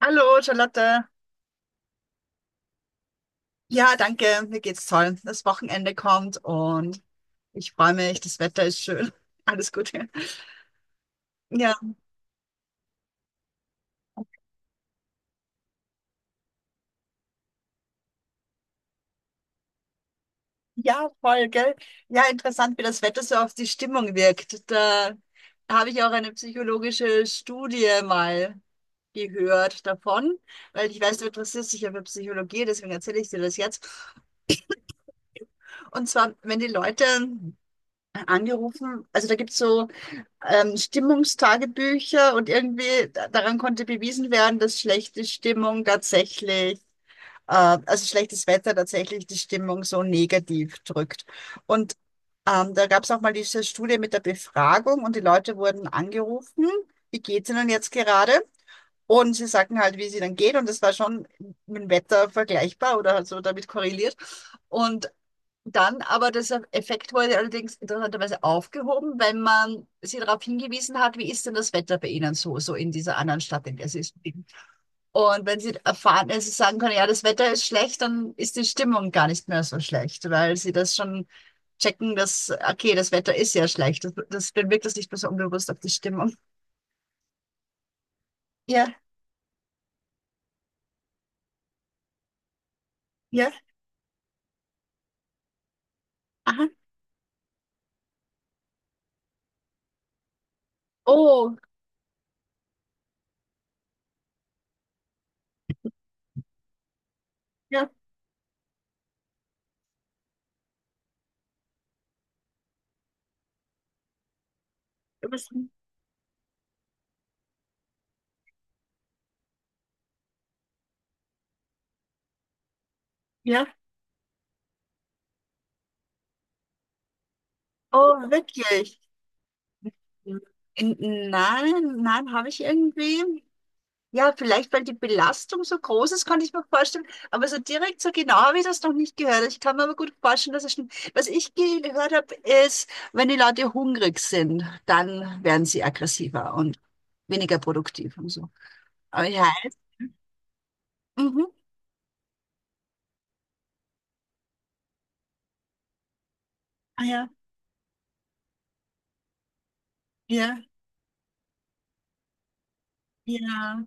Hallo, Charlotte. Ja, danke. Mir geht's toll. Das Wochenende kommt und ich freue mich. Das Wetter ist schön. Alles gut. Ja, ja, voll, gell? Ja, interessant, wie das Wetter so auf die Stimmung wirkt. Da habe ich auch eine psychologische Studie mal gehört davon, weil ich weiß, du interessierst dich ja für Psychologie, deswegen erzähle ich dir das jetzt. Und zwar, wenn die Leute angerufen, also da gibt's so Stimmungstagebücher und irgendwie daran konnte bewiesen werden, dass schlechte Stimmung tatsächlich, also schlechtes Wetter tatsächlich die Stimmung so negativ drückt. Und da gab es auch mal diese Studie mit der Befragung und die Leute wurden angerufen, wie geht's ihnen jetzt gerade? Und sie sagten halt, wie sie dann geht, und das war schon mit dem Wetter vergleichbar oder halt so damit korreliert. Und dann aber das Effekt wurde allerdings interessanterweise aufgehoben, weil man sie darauf hingewiesen hat, wie ist denn das Wetter bei Ihnen so, in dieser anderen Stadt, in der Sie leben. Und wenn Sie erfahren, also sagen können, ja, das Wetter ist schlecht, dann ist die Stimmung gar nicht mehr so schlecht, weil Sie das schon checken, dass, okay, das Wetter ist ja schlecht. Das, dann wirkt das nicht mehr so unbewusst auf die Stimmung. Ja, ja, aha. Oh, ja, was, ja, oh, wirklich. In, nein, nein, habe ich irgendwie. Ja, vielleicht, weil die Belastung so groß ist, kann ich mir vorstellen. Aber so direkt, so genau habe ich das noch nicht gehört. Ich kann mir aber gut vorstellen, dass es stimmt. Was ich gehört habe, ist, wenn die Leute hungrig sind, dann werden sie aggressiver und weniger produktiv und so. Aber ja, mhm. Ah, ja, ja, ja,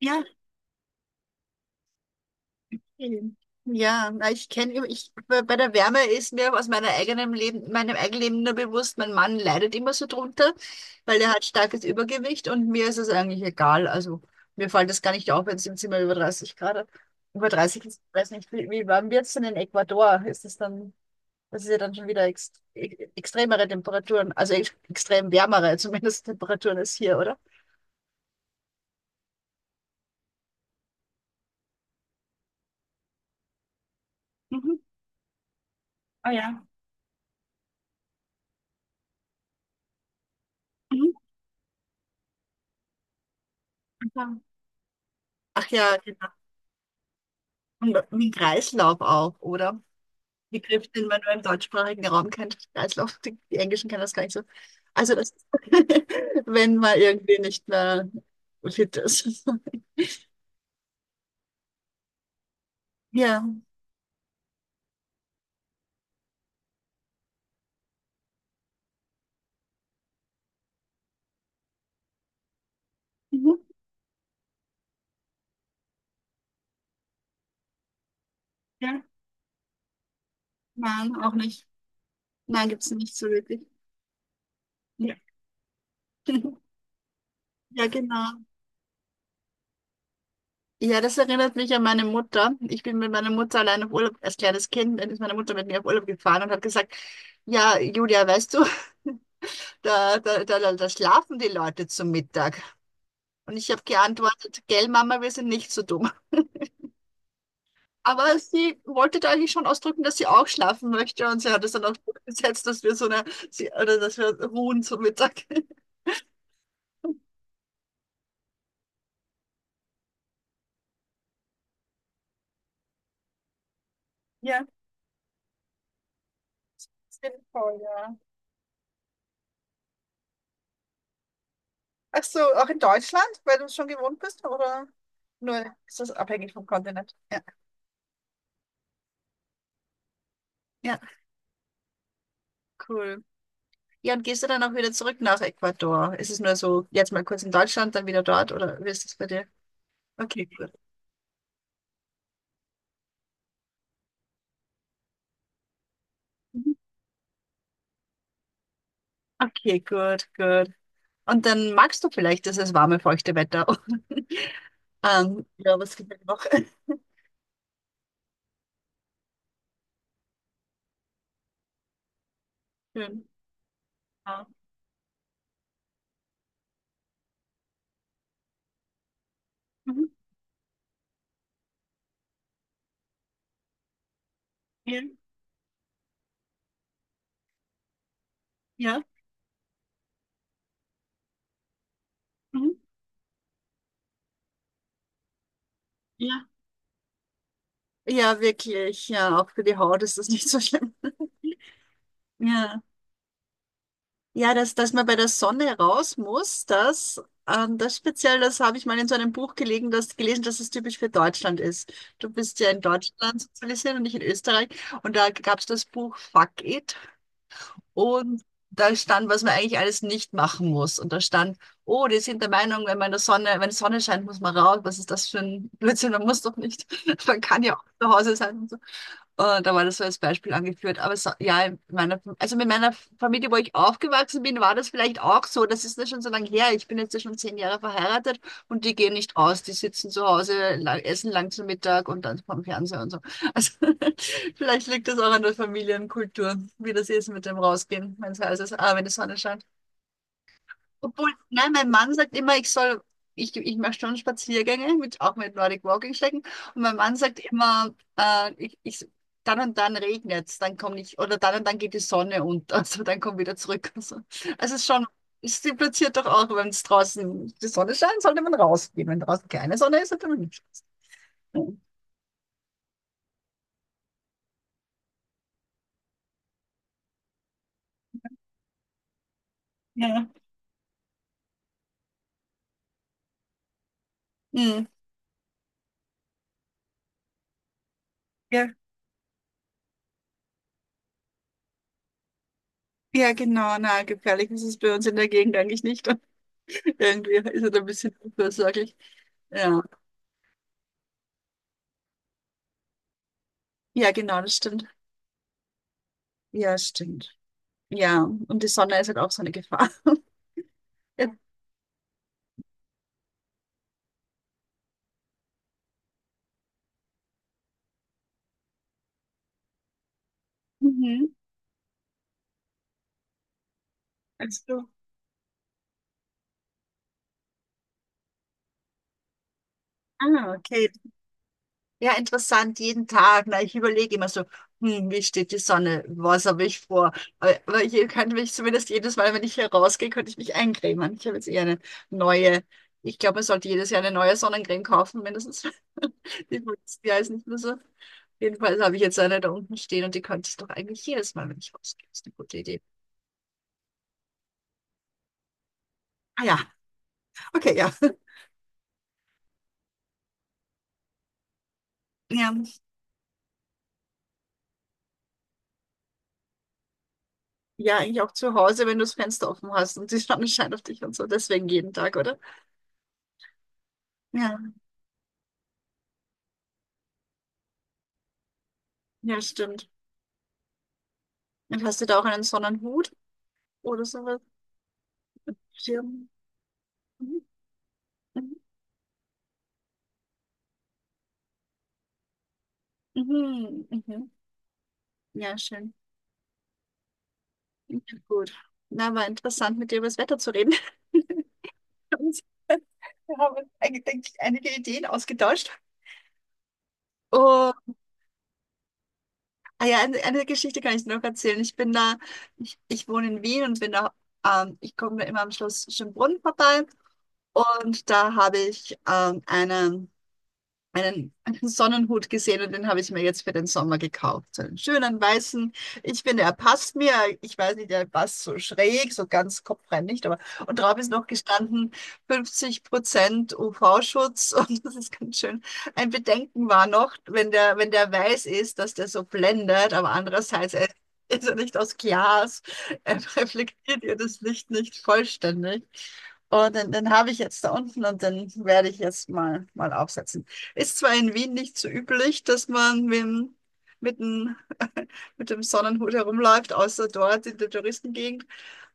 ja, mhm. Ja, na, bei der Wärme ist mir aus meinem eigenen Leben nur bewusst, mein Mann leidet immer so drunter, weil er hat starkes Übergewicht und mir ist es eigentlich egal. Also mir fällt das gar nicht auf, wenn es im Zimmer über 30 Grad hat. Über 30, ich weiß nicht, wie warm wird es denn in Ecuador? Ist es dann, das ist ja dann schon wieder extremere Temperaturen, also extrem wärmere zumindest Temperaturen als hier, oder? Mhm. Oh ja. Mhm. Ach ja, genau. Und mit Kreislauf auch, oder? Begriff, den man nur im deutschsprachigen Raum kennt. Kreislauf, die Englischen kennen das gar nicht so. Also das, wenn man irgendwie nicht mehr fit ist. Ja. Mhm. Ja. Nein, auch nicht. Nein, gibt es nicht so wirklich. Ja. Ja, genau. Ja, das erinnert mich an meine Mutter. Ich bin mit meiner Mutter allein auf Urlaub, als kleines Kind, dann ist meine Mutter mit mir auf Urlaub gefahren und hat gesagt, ja, Julia, weißt du, da schlafen die Leute zum Mittag. Und ich habe geantwortet, gell, Mama, wir sind nicht so dumm. Aber sie wollte da eigentlich schon ausdrücken, dass sie auch schlafen möchte, und sie hat es dann auch durchgesetzt, dass wir oder dass wir ruhen zum Mittag. Ja, sinnvoll, ja. Ach so, auch in Deutschland, weil du es schon gewohnt bist, oder nur ist das abhängig vom Kontinent? Ja. Ja, cool. Ja, und gehst du dann auch wieder zurück nach Ecuador? Ist es nur so, jetzt mal kurz in Deutschland, dann wieder dort, oder wie ist das bei dir? Okay, gut. Mhm. Okay, gut, gut. Und dann magst du vielleicht dieses warme, feuchte Wetter. Ja, was gibt es noch? Schön. Ja. Mhm. Ja. Ja. Mhm. Ja. Ja, wirklich. Ja, auch für die Haut ist das nicht so schlimm. Ja. Ja, dass man bei der Sonne raus muss, das, das speziell, das habe ich mal in so einem Buch gelegen, das, gelesen, dass es typisch für Deutschland ist. Du bist ja in Deutschland sozialisiert und nicht in Österreich. Und da gab es das Buch Fuck It. Und da stand, was man eigentlich alles nicht machen muss. Und da stand, oh, die sind der Meinung, wenn man in der Sonne, wenn die Sonne scheint, muss man raus. Was ist das für ein Blödsinn? Man muss doch nicht. Man kann ja auch zu Hause sein. Da war das so als Beispiel angeführt. Aber so, ja, also mit meiner Familie, wo ich aufgewachsen bin, war das vielleicht auch so. Das ist ja schon so lange her. Ich bin jetzt ja schon 10 Jahre verheiratet, und die gehen nicht aus. Die sitzen zu Hause, essen lang zu Mittag und dann vom Fernseher und so. Also vielleicht liegt das auch an der Familienkultur, wie das ist mit dem Rausgehen, wenn es heiß ist. Ah, wenn die Sonne scheint. Obwohl, nein, mein Mann sagt immer, ich mache schon Spaziergänge, auch mit Nordic Walking Stecken. Und mein Mann sagt immer, dann und dann regnet's, dann komme ich, oder dann und dann geht die Sonne unter, also dann komm wieder zurück. Also, es impliziert doch auch, wenn es draußen die Sonne scheint, sollte man rausgehen. Wenn draußen keine Sonne ist, sollte man nicht rausgehen. Ja. Hm. Ja, ja, genau, na, gefährlich ist es bei uns in der Gegend eigentlich nicht. Irgendwie ist es ein bisschen unversorglich. Ja. Ja, genau, das stimmt. Ja, stimmt. Ja, und die Sonne ist halt auch so eine Gefahr. Ja. Mhm. Also, ah, okay. Ja, interessant, jeden Tag. Na, ich überlege immer so, wie steht die Sonne? Was habe ich vor? Aber hier könnte mich zumindest jedes Mal, wenn ich hier rausgehe, könnte ich mich eincremen. Ich habe jetzt eher eine neue. Ich glaube, man sollte jedes Jahr eine neue Sonnencreme kaufen, mindestens. Die von letzten Jahr ist nicht mehr so. Jedenfalls habe ich jetzt eine da unten stehen, und die könnte ich doch eigentlich jedes Mal, wenn ich rausgehe. Ist eine gute Idee. Ah ja, okay, ja. Ja, ja, eigentlich auch zu Hause, wenn du das Fenster offen hast und die Sonne scheint auf dich und so. Deswegen jeden Tag, oder? Ja, ja, stimmt. Und hast du da auch einen Sonnenhut oder sowas? Schirm? Mhm, mhm, mhm. Mhm. Ja, schön. Ja, gut. Na, war interessant, mit dir über das Wetter zu reden. Und wir haben uns eigentlich, denke ich, einige Ideen ausgetauscht. Oh, ah ja, eine Geschichte kann ich dir noch erzählen. Ich wohne in Wien und bin da, ich komme immer am Schloss Schönbrunn vorbei. Und da habe ich einen Sonnenhut gesehen, und den habe ich mir jetzt für den Sommer gekauft. So einen schönen weißen. Ich finde, er passt mir. Ich weiß nicht, er passt so schräg, so ganz kopfrein nicht, aber und drauf ist noch gestanden 50% UV-Schutz, und das ist ganz schön. Ein Bedenken war noch, wenn der weiß ist, dass der so blendet, aber andererseits er ist er nicht aus Glas. Er reflektiert ihr das Licht nicht vollständig. Und den, den habe ich jetzt da unten, und den werde ich jetzt mal aufsetzen. Ist zwar in Wien nicht so üblich, dass man mit dem, mit dem Sonnenhut herumläuft, außer dort in der Touristengegend,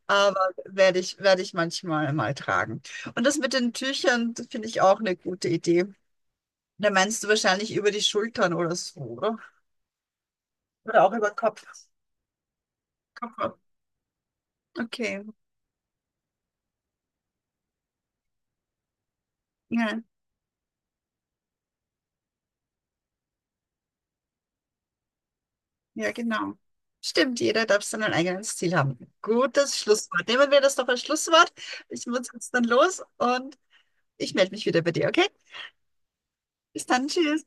aber werde ich, manchmal mal tragen. Und das mit den Tüchern, das finde ich auch eine gute Idee. Da meinst du wahrscheinlich über die Schultern oder so, oder? Oder auch über den Kopf. Kopf. Okay, ja, ja, genau. Stimmt, jeder darf sein eigenes Ziel haben. Gutes Schlusswort. Nehmen wir das doch als Schlusswort. Ich muss jetzt dann los, und ich melde mich wieder bei dir, okay? Bis dann, tschüss.